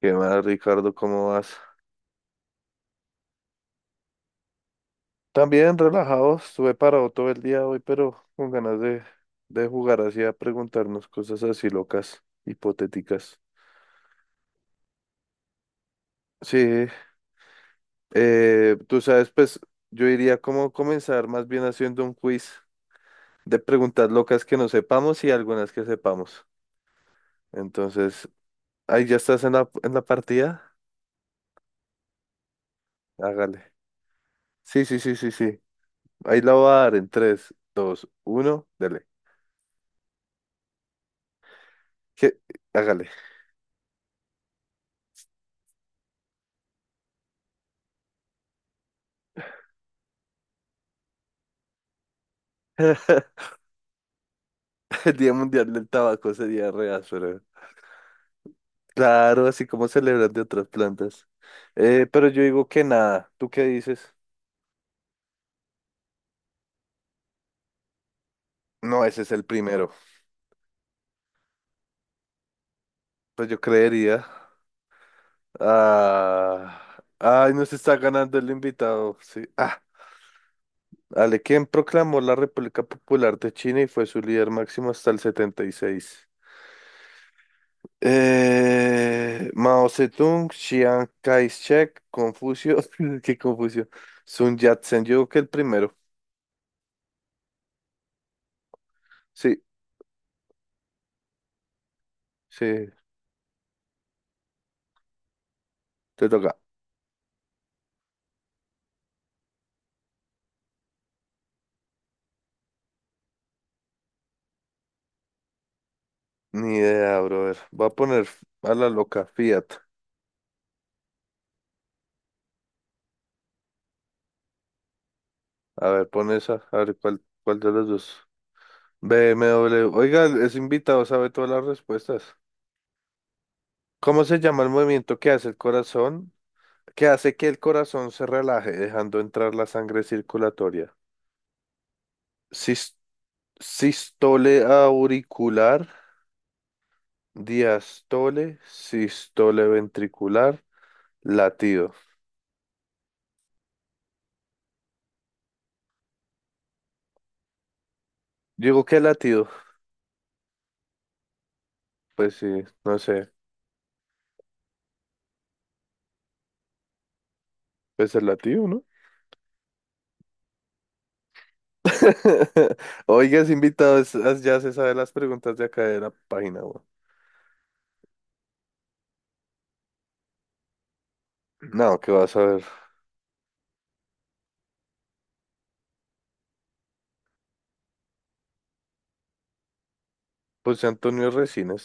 ¿Qué más, Ricardo? ¿Cómo vas? También relajado, estuve parado todo el día hoy, pero con ganas de jugar así, a preguntarnos cosas así locas, hipotéticas. Sí, tú sabes, pues yo iría como comenzar más bien haciendo un quiz de preguntas locas que no sepamos y algunas que sepamos. Entonces, ahí ya estás en la partida. Hágale. Sí, sí, sí, sí, sí. Ahí la voy a dar en tres, dos, uno. Dale. ¿Qué? Hágale. El Día Mundial del Tabaco sería re áspero. Claro, así como celebran de otras plantas. Pero yo digo que nada. ¿Tú qué dices? No, ese es el primero. Pues yo creería. Ah, ay, nos está ganando el invitado. Sí. Ah, Ale, ¿quién proclamó la República Popular de China y fue su líder máximo hasta el 76? Mao Zedong, Chiang Kai-shek, Confucio, qué Confucio, Sun Yat-sen, yo creo que el primero. Sí, sí. Te toca. Ni idea, brother. Voy a poner a la loca Fiat. A ver, pon esa. A ver, ¿cuál de los dos? BMW. Oiga, es invitado, sabe todas las respuestas. ¿Cómo se llama el movimiento que hace el corazón? Que hace que el corazón se relaje, dejando entrar la sangre circulatoria. Sis- Sistole auricular, diastole, sistole ventricular, latido. Digo, ¿qué latido? Pues sí, no sé. Pues el latido, no. Oigas, invitados, ya se sabe las preguntas de acá de la página, weón. No, ¿qué vas a ver? José Antonio Resines.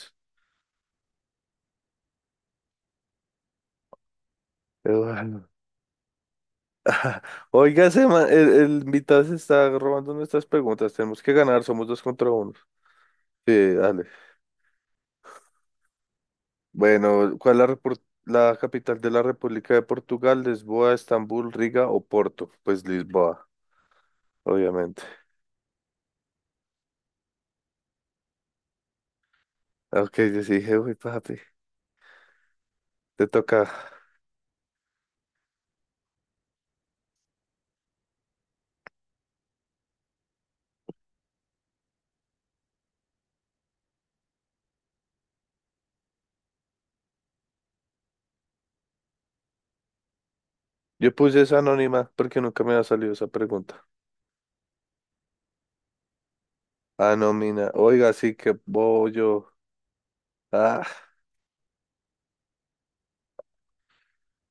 Eduardo. Oiga, el invitado se está robando nuestras preguntas. Tenemos que ganar, somos dos contra uno. Sí, dale. Bueno, ¿cuál es la capital de la República de Portugal? ¿Lisboa, Estambul, Riga o Porto? Pues Lisboa, obviamente. Ah, ok, yo sí dije, uy, papi, te toca. Yo puse esa anónima porque nunca me ha salido esa pregunta. Ah, no, mina. Oiga, sí que bollo. Ah,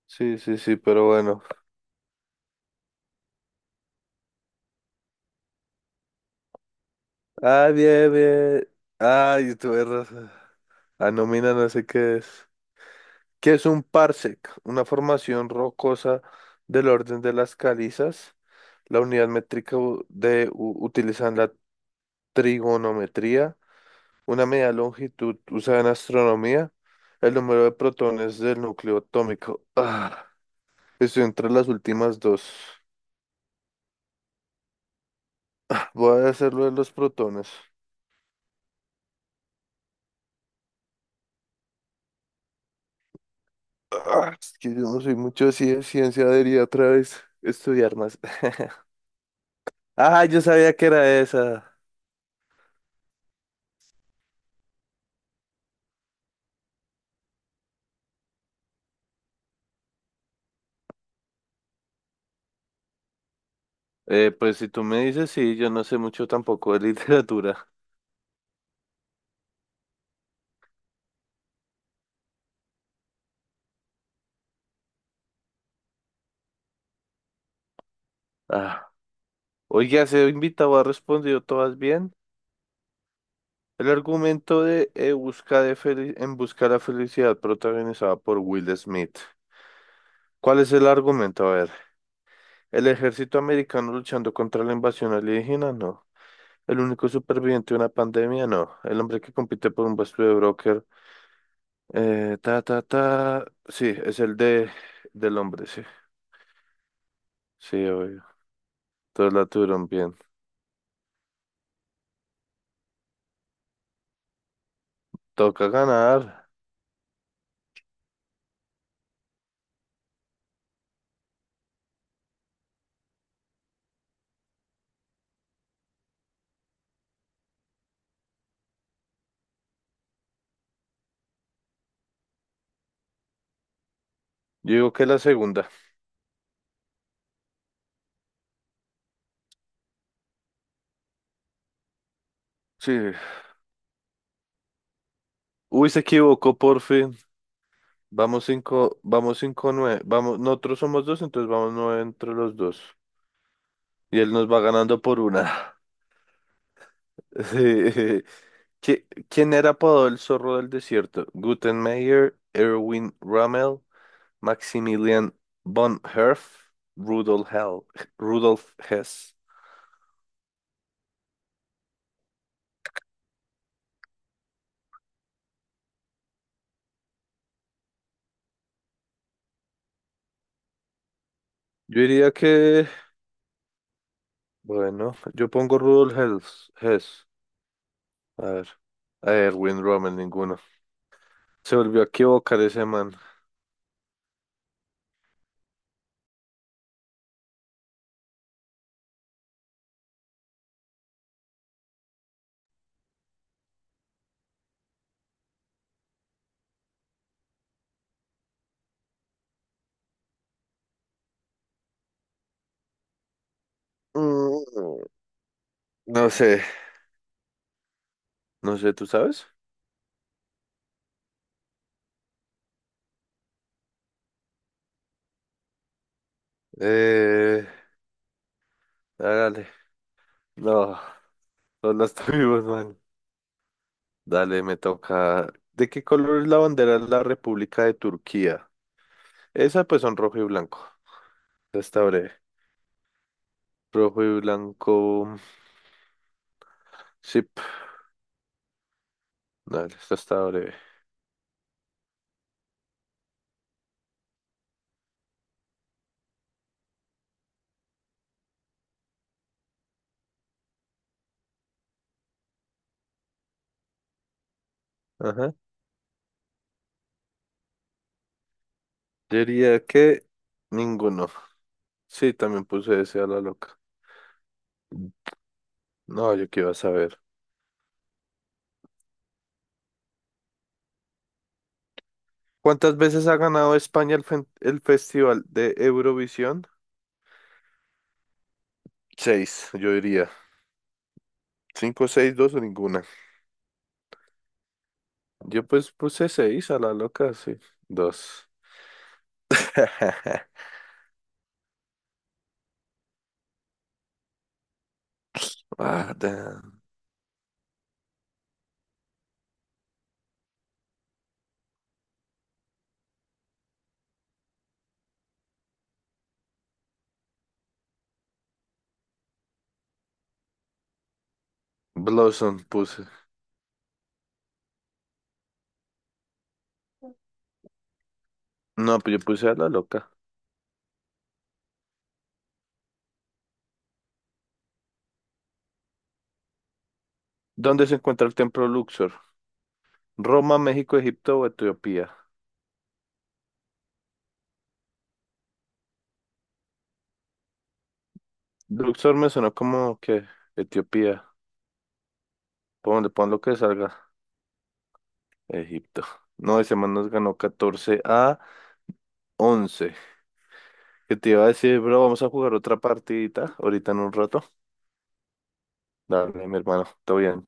sí, sí, sí, pero bueno. Ah, bien, bien. Ay, tuve razón. Ah, no, mina, no sé qué es. ¿Qué es un parsec? Una formación rocosa del orden de las calizas. La unidad métrica de utilizan la trigonometría. Una medida de longitud usada en astronomía. El número de protones del núcleo atómico. Ah, estoy entre las últimas dos. Voy a hacerlo de los protones. Ah, es que yo no soy mucho así de ciencia, debería otra vez estudiar más. Ah, yo sabía que era esa. Pues si tú me dices, sí, yo no sé mucho tampoco de literatura. Ah, oye, ese invitado ha respondido todas bien. El argumento de En busca de la felicidad, protagonizada por Will Smith. ¿Cuál es el argumento? A ver, ¿el ejército americano luchando contra la invasión alienígena? No. ¿El único superviviente de una pandemia? No. ¿El hombre que compite por un puesto de broker? Ta, ta, ta. Sí, es el de del hombre, sí. Sí, obvio. Todos la tuvieron bien. Toca ganar. Yo digo que la segunda. Sí. Uy, se equivocó por fin. Vamos cinco, nueve. Vamos, nosotros somos dos, entonces vamos nueve entre los dos. Y él nos va ganando por una. Sí. ¿Quién era apodado el zorro del desierto? Gutenmeier, Erwin Rommel, Maximilian von Herf, Rudolf Hell, Rudolf Hess. Yo diría que, bueno, yo pongo Rudolf Hess. Hess. A ver, a Erwin Rommel, ninguno. Se volvió a equivocar ese man. Mm, No sé, no sé, ¿tú sabes? Eh, Dale. No, no las tuvimos, man. Dale, me toca. ¿De qué color es la bandera de la República de Turquía? Esa pues son rojo y blanco. Esta está breve. Rojo y blanco. Sí, dale, esta está breve. Ajá. Yo diría que ninguno. Sí, también puse ese a la loca. No, yo qué iba a saber. ¿Cuántas veces ha ganado España el Festival de Eurovisión? Seis, yo diría. Cinco, seis, dos o ninguna. Yo pues puse seis a la loca, sí. Dos. Ah, damn. Blossom puse. No, pues yo puse a la loca. ¿Dónde se encuentra el templo Luxor? ¿Roma, México, Egipto o Etiopía? Luxor me sonó como que Etiopía. Pon lo que salga. Egipto. No, ese man nos ganó 14-11. ¿Qué te iba a decir, bro? Vamos a jugar otra partidita ahorita en un rato. Dale, mi hermano. Todo bien.